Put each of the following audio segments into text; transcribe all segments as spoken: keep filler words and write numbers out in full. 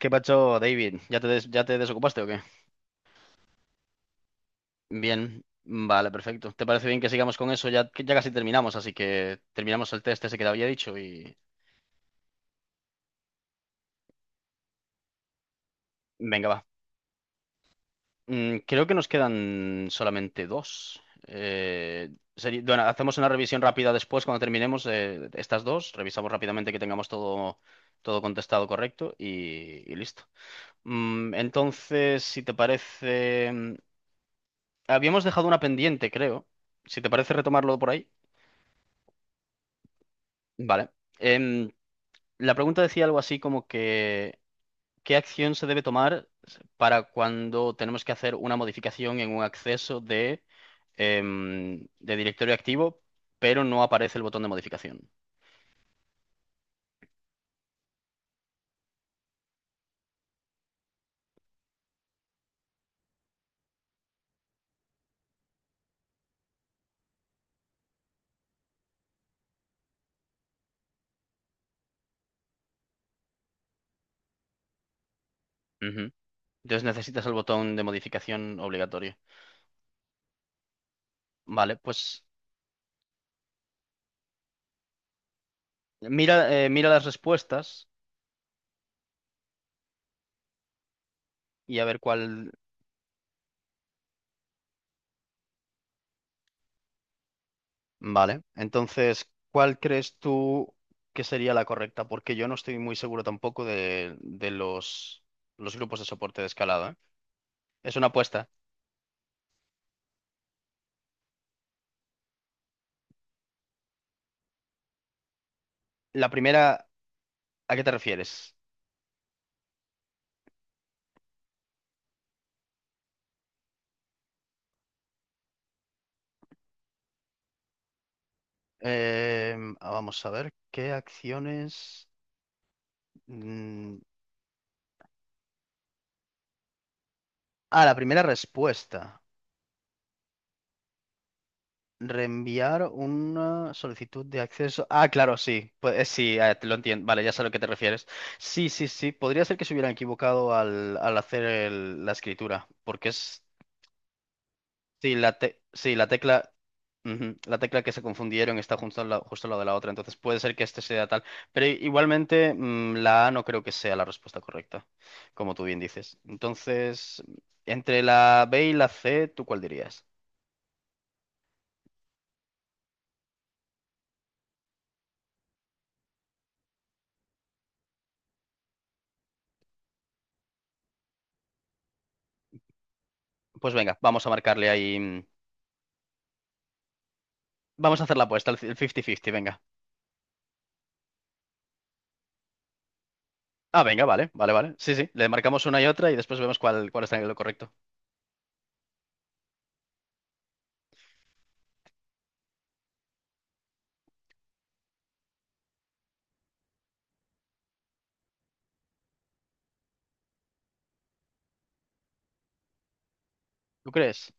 ¿Qué pacho, David? ¿Ya te, des- ya te desocupaste o qué? Bien, vale, perfecto. ¿Te parece bien que sigamos con eso? Ya, que ya casi terminamos, así que terminamos el test ese que te había dicho y... Venga, va. Mm, creo que nos quedan solamente dos. Eh, seri- bueno, hacemos una revisión rápida después cuando terminemos eh, estas dos. Revisamos rápidamente que tengamos todo, todo contestado correcto y, y listo. Mm, entonces, si te parece, mm, habíamos dejado una pendiente, creo. Si te parece retomarlo por ahí. Vale. Em, la pregunta decía algo así como que ¿qué acción se debe tomar para cuando tenemos que hacer una modificación en un acceso de, em, de directorio activo, pero no aparece el botón de modificación? Ujú. Entonces necesitas el botón de modificación obligatorio. Vale, pues mira, eh, mira las respuestas y a ver cuál. Vale, entonces, ¿cuál crees tú que sería la correcta? Porque yo no estoy muy seguro tampoco de, de los, los grupos de soporte de escalada, ¿eh? Es una apuesta. La primera, ¿a qué te refieres? Eh, ah, vamos a ver, ¿qué acciones? Mm, Ah, la primera respuesta. Reenviar una solicitud de acceso. Ah, claro, sí. Pues eh, sí, eh, te lo entiendo. Vale, ya sé a lo que te refieres. Sí, sí, sí. Podría ser que se hubieran equivocado al, al hacer el- la escritura. Porque es. Sí, la, te- sí, la tecla. ujú, La tecla que se confundieron está junto al la- justo al lado de la otra. Entonces puede ser que este sea tal. Pero i- igualmente, mm, la A no creo que sea la respuesta correcta. Como tú bien dices. Entonces, entre la B y la C, ¿tú cuál dirías? Pues venga, vamos a marcarle ahí. mm, Vamos a hacer la apuesta, el cincuenta cincuenta, venga. Ah, venga, vale, vale, vale. Sí, sí, le marcamos una y otra y después vemos cuál, cuál está en lo correcto. ¿Tú crees?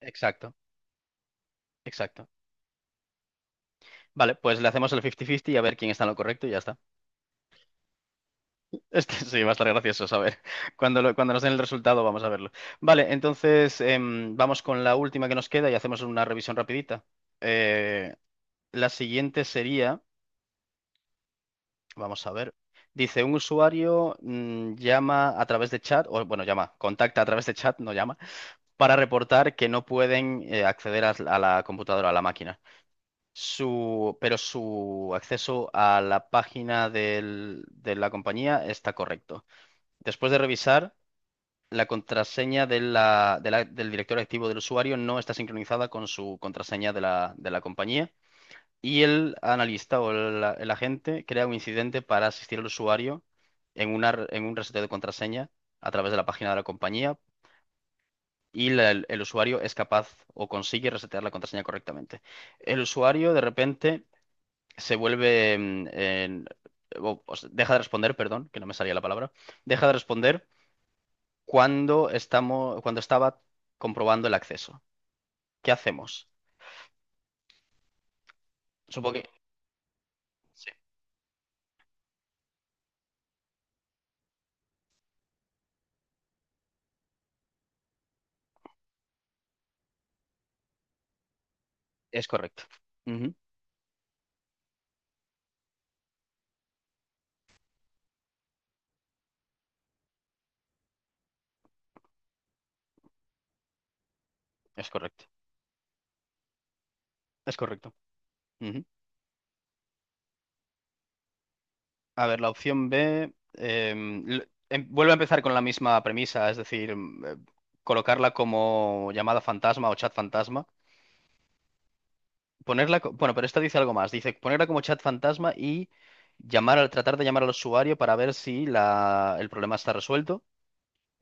Exacto, exacto. Vale, pues le hacemos el cincuenta cincuenta y a ver quién está en lo correcto y ya está. Este sí va a estar gracioso saber. Cuando, lo- cuando nos den el resultado vamos a verlo. Vale, entonces em, vamos con la última que nos queda y hacemos una revisión rapidita. Eh, la siguiente sería, vamos a ver. Dice, un usuario mm, llama a través de chat, o bueno, llama, contacta a través de chat, no llama para reportar que no pueden eh, acceder a, a la computadora, a la máquina. Su, pero su acceso a la página del- de la compañía está correcto. Después de revisar, la contraseña de la- de la- del director activo del usuario no está sincronizada con su contraseña de la, de la compañía y el analista o el, el agente crea un incidente para asistir al usuario en, una, en un reseteo de contraseña a través de la página de la compañía y la- el, el usuario es capaz o consigue resetear la contraseña correctamente. El usuario de repente se vuelve, mm, en- o- o sea, deja de responder, perdón, que no me salía la palabra, deja de responder cuando estamos, cuando estaba comprobando el acceso. ¿Qué hacemos? Supongo que sí, es correcto. Ujú. Es correcto. Es correcto. Ujú. A ver, la opción B em, l- em, vuelve a empezar con la misma premisa, es decir, mm, eh, colocarla como llamada fantasma o chat fantasma. Ponerla, co- bueno, pero esta dice algo más. Dice ponerla como chat fantasma y llamar al, tratar de llamar al usuario para ver si la, el problema está resuelto.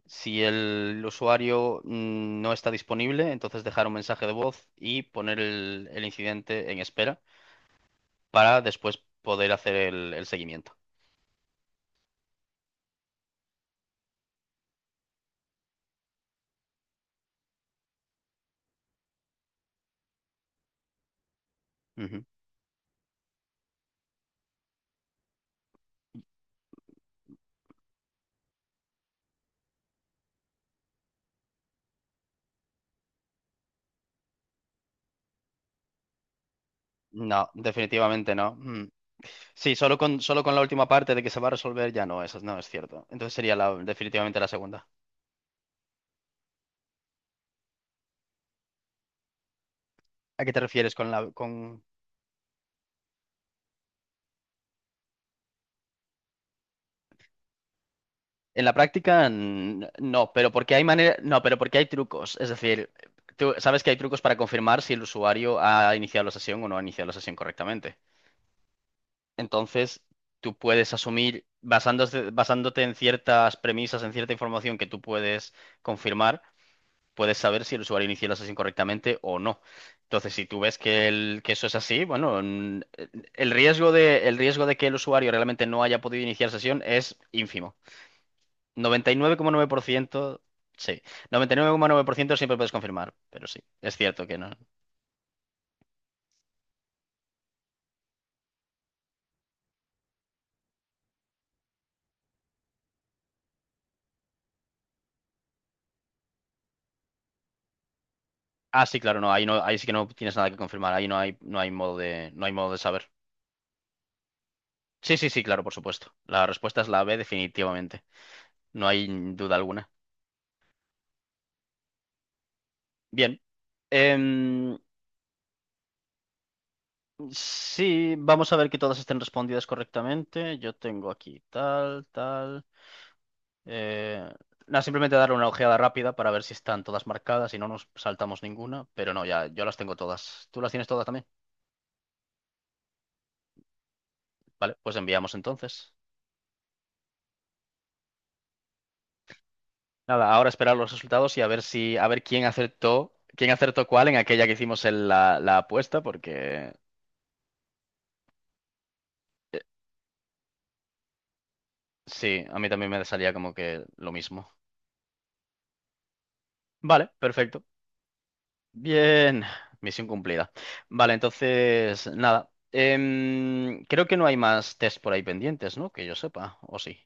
Si el usuario mm, no está disponible, entonces dejar un mensaje de voz y poner el, el incidente en espera para después poder hacer el, el seguimiento. Ujú. No, definitivamente no. Mm. Sí, solo con, solo con la última parte de que se va a resolver ya no, eso no es cierto. Entonces sería la, definitivamente la segunda. ¿A qué te refieres con la, con... En la práctica, n- no, pero porque hay manera, no, pero porque hay trucos. Es decir, tú sabes que hay trucos para confirmar si el usuario ha iniciado la sesión o no ha iniciado la sesión correctamente. Entonces, tú puedes asumir, basándose- basándote en ciertas premisas, en cierta información que tú puedes confirmar, puedes saber si el usuario inició la sesión correctamente o no. Entonces, si tú ves que, el- que eso es así, bueno, n- el riesgo de, el riesgo de que el usuario realmente no haya podido iniciar sesión es ínfimo, noventa y nueve nueve coma nueve por ciento. Sí. Noventa y nueve nueve coma nueve por ciento siempre puedes confirmar, pero sí, es cierto que no. Ah, sí, claro, no, ahí no, ahí sí que no tienes nada que confirmar, ahí no hay, no hay, modo de, no hay modo de saber. Sí, sí, sí, claro, por supuesto. La respuesta es la B, definitivamente. No hay duda alguna. Bien. em, sí, vamos a ver que todas estén respondidas correctamente. Yo tengo aquí tal, tal. Eh, Nada, simplemente darle una ojeada rápida para ver si están todas marcadas y no nos saltamos ninguna, pero no, ya yo las tengo todas. ¿Tú las tienes todas también? Vale, pues enviamos entonces. Nada, ahora esperar los resultados y a ver si, a ver quién acertó, quién acertó cuál en aquella que hicimos en la, la apuesta, porque sí, a mí también me salía como que lo mismo. Vale, perfecto. Bien, misión cumplida. Vale, entonces, nada. Em, creo que no hay más test por ahí pendientes, ¿no? Que yo sepa, o sí.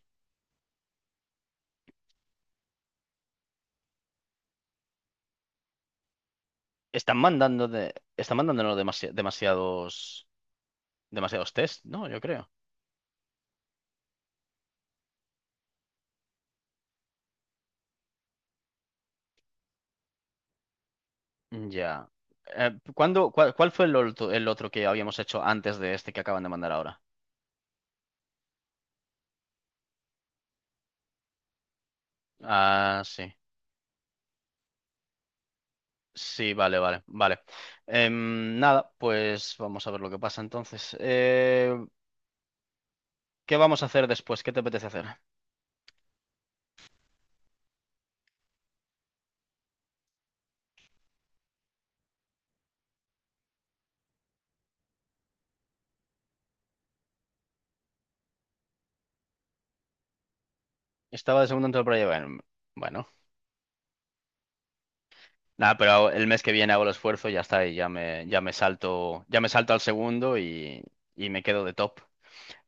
Están mandando de, están mandándonos demasi- demasiados, demasiados test, ¿no? Yo creo. Ya. Eh, ¿cuándo- cuál, cuál fue el otro, el otro que habíamos hecho antes de este que acaban de mandar ahora? Ah, sí. Sí, vale, vale, vale. Em, nada, pues vamos a ver lo que pasa entonces. Eh, ¿qué vamos a hacer después? ¿Qué te apetece hacer? Estaba de segundo en todo el proyecto. Bueno, bueno. Nada, pero el mes que viene hago el esfuerzo y ya está, y ya me, ya me salto, ya me salto al segundo y, y me quedo de top.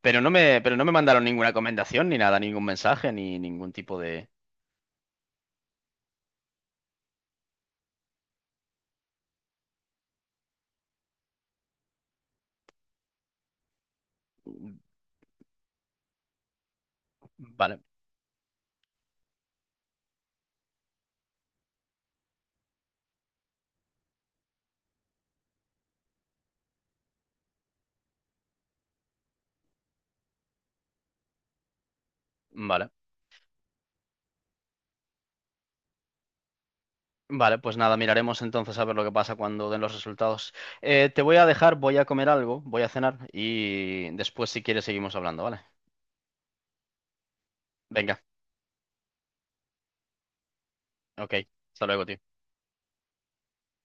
Pero no me, pero no me mandaron ninguna recomendación, ni nada, ningún mensaje, ni ningún tipo de... Vale, vale. Vale, pues nada, miraremos entonces a ver lo que pasa cuando den los resultados. Eh, te voy a dejar, voy a comer algo, voy a cenar y después si quieres seguimos hablando, ¿vale? Venga, ok. Hasta luego, tío.